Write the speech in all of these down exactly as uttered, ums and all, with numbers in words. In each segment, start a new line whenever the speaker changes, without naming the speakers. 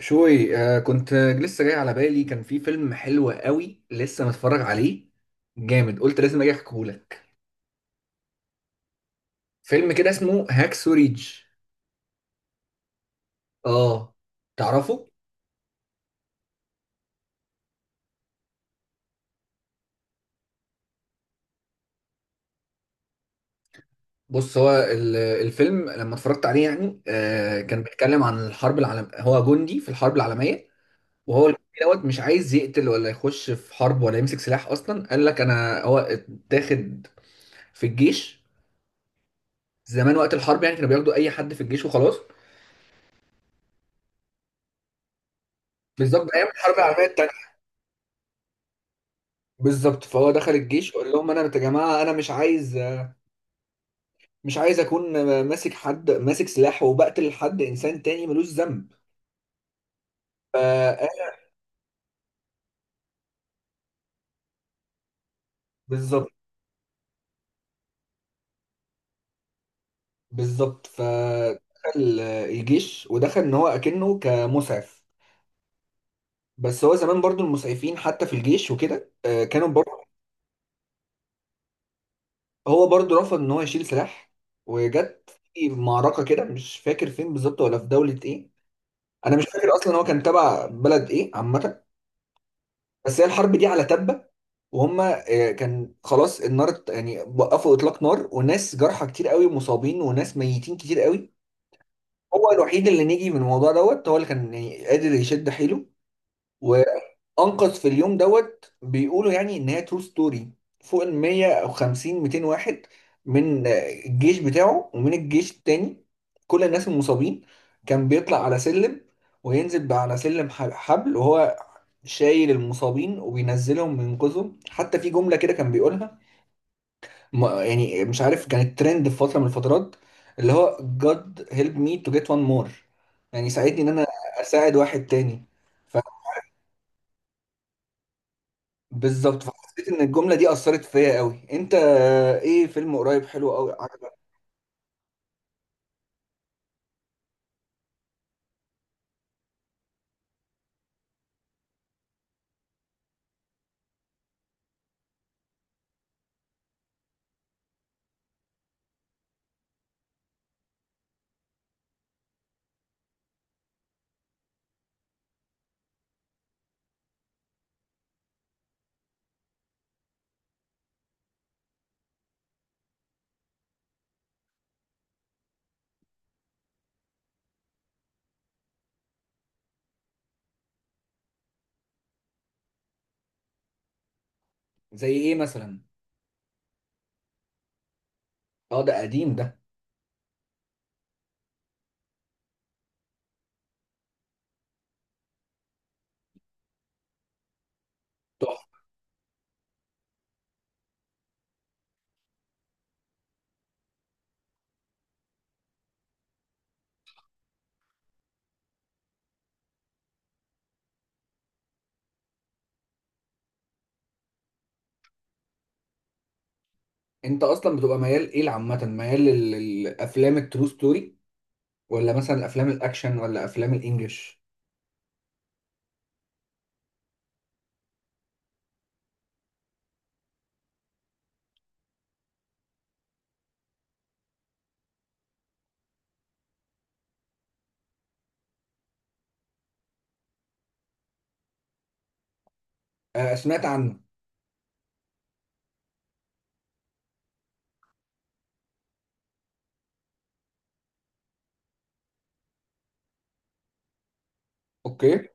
شوي آه كنت لسه جاي على بالي، كان في فيلم حلو قوي لسه متفرج عليه جامد. قلت لازم اجي احكيهولك. فيلم كده اسمه هاكسو ريدج. اه تعرفه؟ بص، هو ال- الفيلم لما اتفرجت عليه يعني آه كان بيتكلم عن الحرب العالم، هو جندي في الحرب العالمية. وهو الجندي دوت مش عايز يقتل ولا يخش في حرب ولا يمسك سلاح اصلا. قال لك انا هو اتاخد في الجيش زمان وقت الحرب، يعني كانوا بياخدوا اي حد في الجيش وخلاص. بالظبط ايام الحرب العالميه. بالظبط، فهو دخل الجيش قال لهم انا يا جماعه انا مش عايز مش عايز اكون ماسك حد ماسك سلاح وبقتل حد، انسان تاني ملوش ذنب. ف بالظبط بالظبط، فدخل الجيش ودخل ان هو اكنه كمسعف. بس هو زمان برضو المسعفين حتى في الجيش وكده آه، كانوا برضو هو برضو رفض ان هو يشيل سلاح. وجت في معركه كده، مش فاكر فين بالظبط ولا في دوله ايه، انا مش فاكر اصلا هو كان تبع بلد ايه عامه. بس هي الحرب دي على تبة، وهم آه، كان خلاص النار ات- يعني وقفوا اطلاق نار، وناس جرحى كتير قوي ومصابين وناس ميتين كتير قوي. هو الوحيد اللي نجي من الموضوع دوت، هو اللي كان يعني قادر يشد حيله وانقذ في اليوم دوت، بيقولوا يعني ان هي ترو ستوري، فوق ال مية وخمسين ميتين واحد من آه، الجيش بتاعه ومن الجيش التاني، كل الناس المصابين. كان بيطلع على سلم وينزل بقى على سلم ح- حبل وهو شايل المصابين وبينزلهم وينقذهم. حتى في جملة كده كان بيقولها، ما- يعني مش عارف كانت ترند في فترة من الفترات، اللي هو God help me to get one more، يعني ساعدني ان انا اساعد واحد تاني. ف- بالظبط، فحسيت ان الجملة دي اثرت فيا قوي. انت ايه؟ فيلم قريب حلو قوي عجبك؟ زي ايه مثلا؟ اه ده قديم ده. تحفة. انت اصلا بتبقى ميال ايه عامة؟ ميال لل- للافلام الترو ستوري، ولا مثلا افلام الاكشن، ولا افلام الانجليش؟ آه سمعت عنه. اوكي.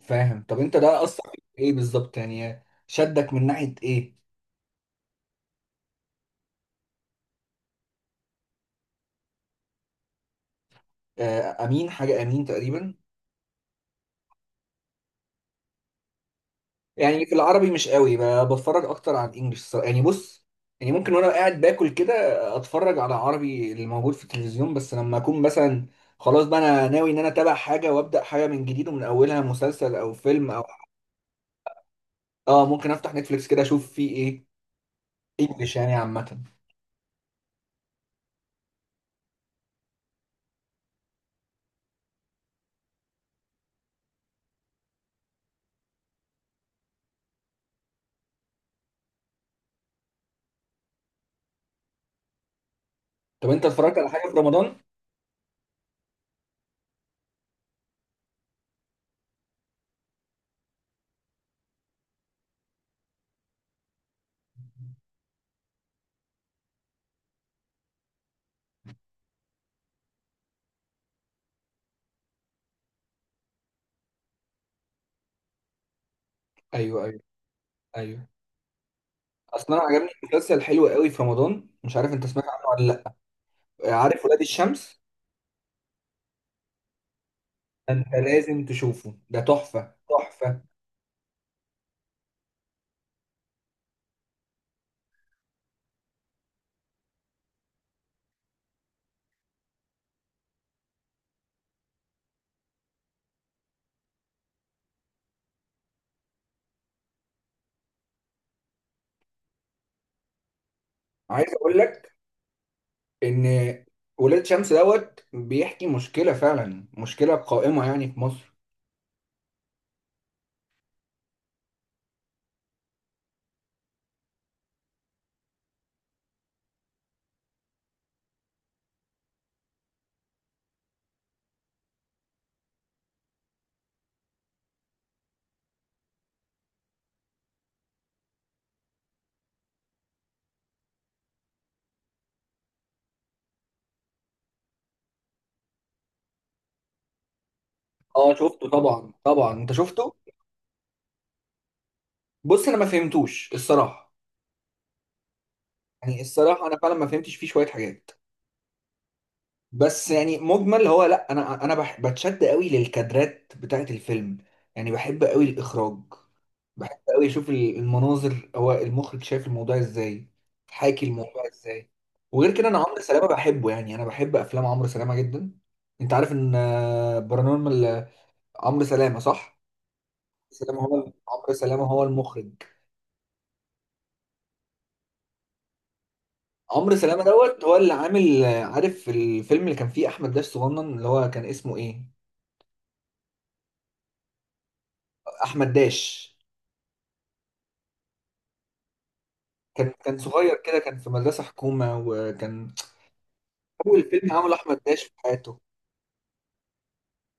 فاهم. طب انت ده اثر فيك في ايه بالظبط؟ يعني شدك من ناحيه ايه؟ آه، امين، حاجه امين تقريبا. يعني في العربي مش قوي ب- بتفرج، اكتر على الانجليش الصراحة. يعني بص، يعني ممكن وانا قاعد باكل كده اتفرج على عربي اللي موجود في التلفزيون. بس لما اكون مثلا خلاص بقى انا ناوي ان انا اتابع حاجه وابدا حاجه من جديد ومن اولها، مسلسل او فيلم او اه ممكن افتح نتفليكس كده اشوف فيه ايه. انجليش يعني عامه. طب انت اتفرجت على حاجه في رمضان؟ ايوه، ايوه، ايوه. اصل انا عجبني مسلسل حلو قوي في رمضان، مش عارف انت سمعت عنه ولا لا. عارف ولاد الشمس؟ انت لازم تشوفه، ده تحفه تحفه. عايز اقول لك ان ولاد الشمس دوت بيحكي مشكله، فعلا مشكله قائمه يعني في مصر. اه شفته طبعا، طبعا انت شفته. بص انا ما فهمتوش الصراحه. يعني الصراحه انا فعلا ما فهمتش فيه شويه حاجات. بس يعني مجمل هو لا، انا انا بح- بتشد قوي للكادرات بتاعت الفيلم. يعني بحب قوي الاخراج. بحب قوي اشوف ال- المناظر. هو المخرج شايف الموضوع ازاي، حاكي الموضوع ازاي. وغير كده انا عمرو سلامه بحبه، يعني انا بحب افلام عمرو سلامه جدا. انت عارف ان آه، برانورمال عمرو سلامه، صح؟ سلامه، هو عمرو سلامه هو المخرج. عمرو سلامه دوت هو اللي عامل آه، عارف الفيلم اللي كان فيه احمد داش صغنن اللي هو كان اسمه ايه؟ احمد داش كان كان صغير كده، كان في مدرسة حكومة، وكان أول فيلم عمله أحمد داش في حياته،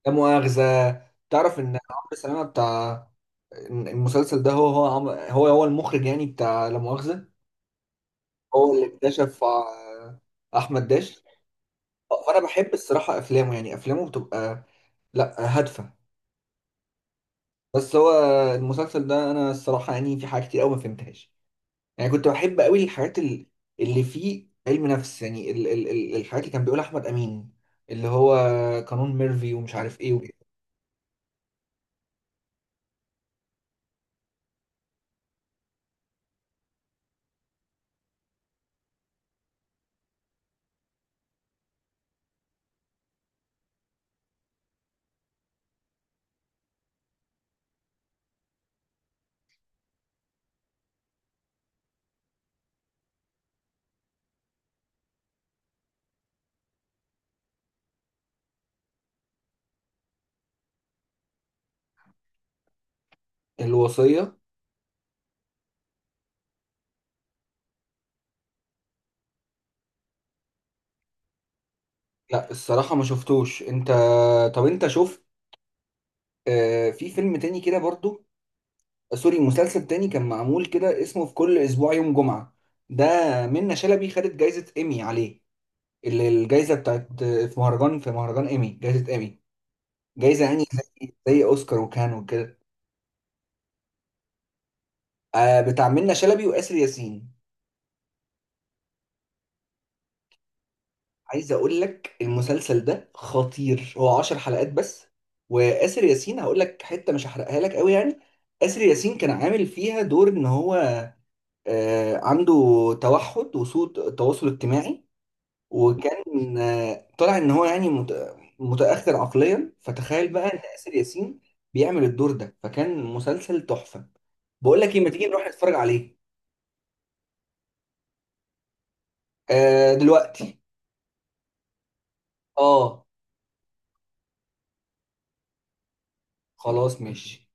لا مؤاخذة. تعرف إن عمرو سلامة بتاع المسلسل ده هو هو عم- هو هو المخرج يعني بتاع لا مؤاخذة؟ هو اللي اكتشف ع- أحمد داش. فأنا بحب الصراحة أفلامه، يعني أفلامه بتبقى لأ، هادفة. بس هو المسلسل ده أنا الصراحة يعني في حاجة كتير أوي ما فهمتهاش. يعني كنت بحب قوي الحاجات ال- اللي فيه علم نفس، يعني ال- ال- ال- الحاجات اللي كان بيقولها احمد امين، اللي هو قانون ميرفي ومش عارف ايه وكده. الوصية. لا الصراحة ما شفتوش انت. طب انت شفت آه في فيلم تاني كده برضو، سوري مسلسل تاني كان معمول كده اسمه في كل اسبوع يوم جمعة؟ ده منة شلبي خدت جايزة ايمي عليه، اللي الجايزة بتاعت آه، في مهرجان في مهرجان ايمي، جايزة ايمي، جايزة يعني زي زي اوسكار وكان وكده. آه بتاع منة شلبي وآسر ياسين. عايز اقول لك المسلسل ده خطير، هو عشر حلقات بس. وآسر ياسين هقول لك حتة مش هحرقها لك قوي يعني. آسر ياسين كان عامل فيها دور ان هو آه، عنده توحد وسوء تواصل اجتماعي، وكان آه، طلع ان هو يعني مت- متأخر عقليا. فتخيل بقى ان آسر ياسين بيعمل الدور ده، فكان مسلسل تحفة. بقول لك ايه، ما تيجي نروح نتفرج عليه؟ آه، دلوقتي. اه خلاص ماشي.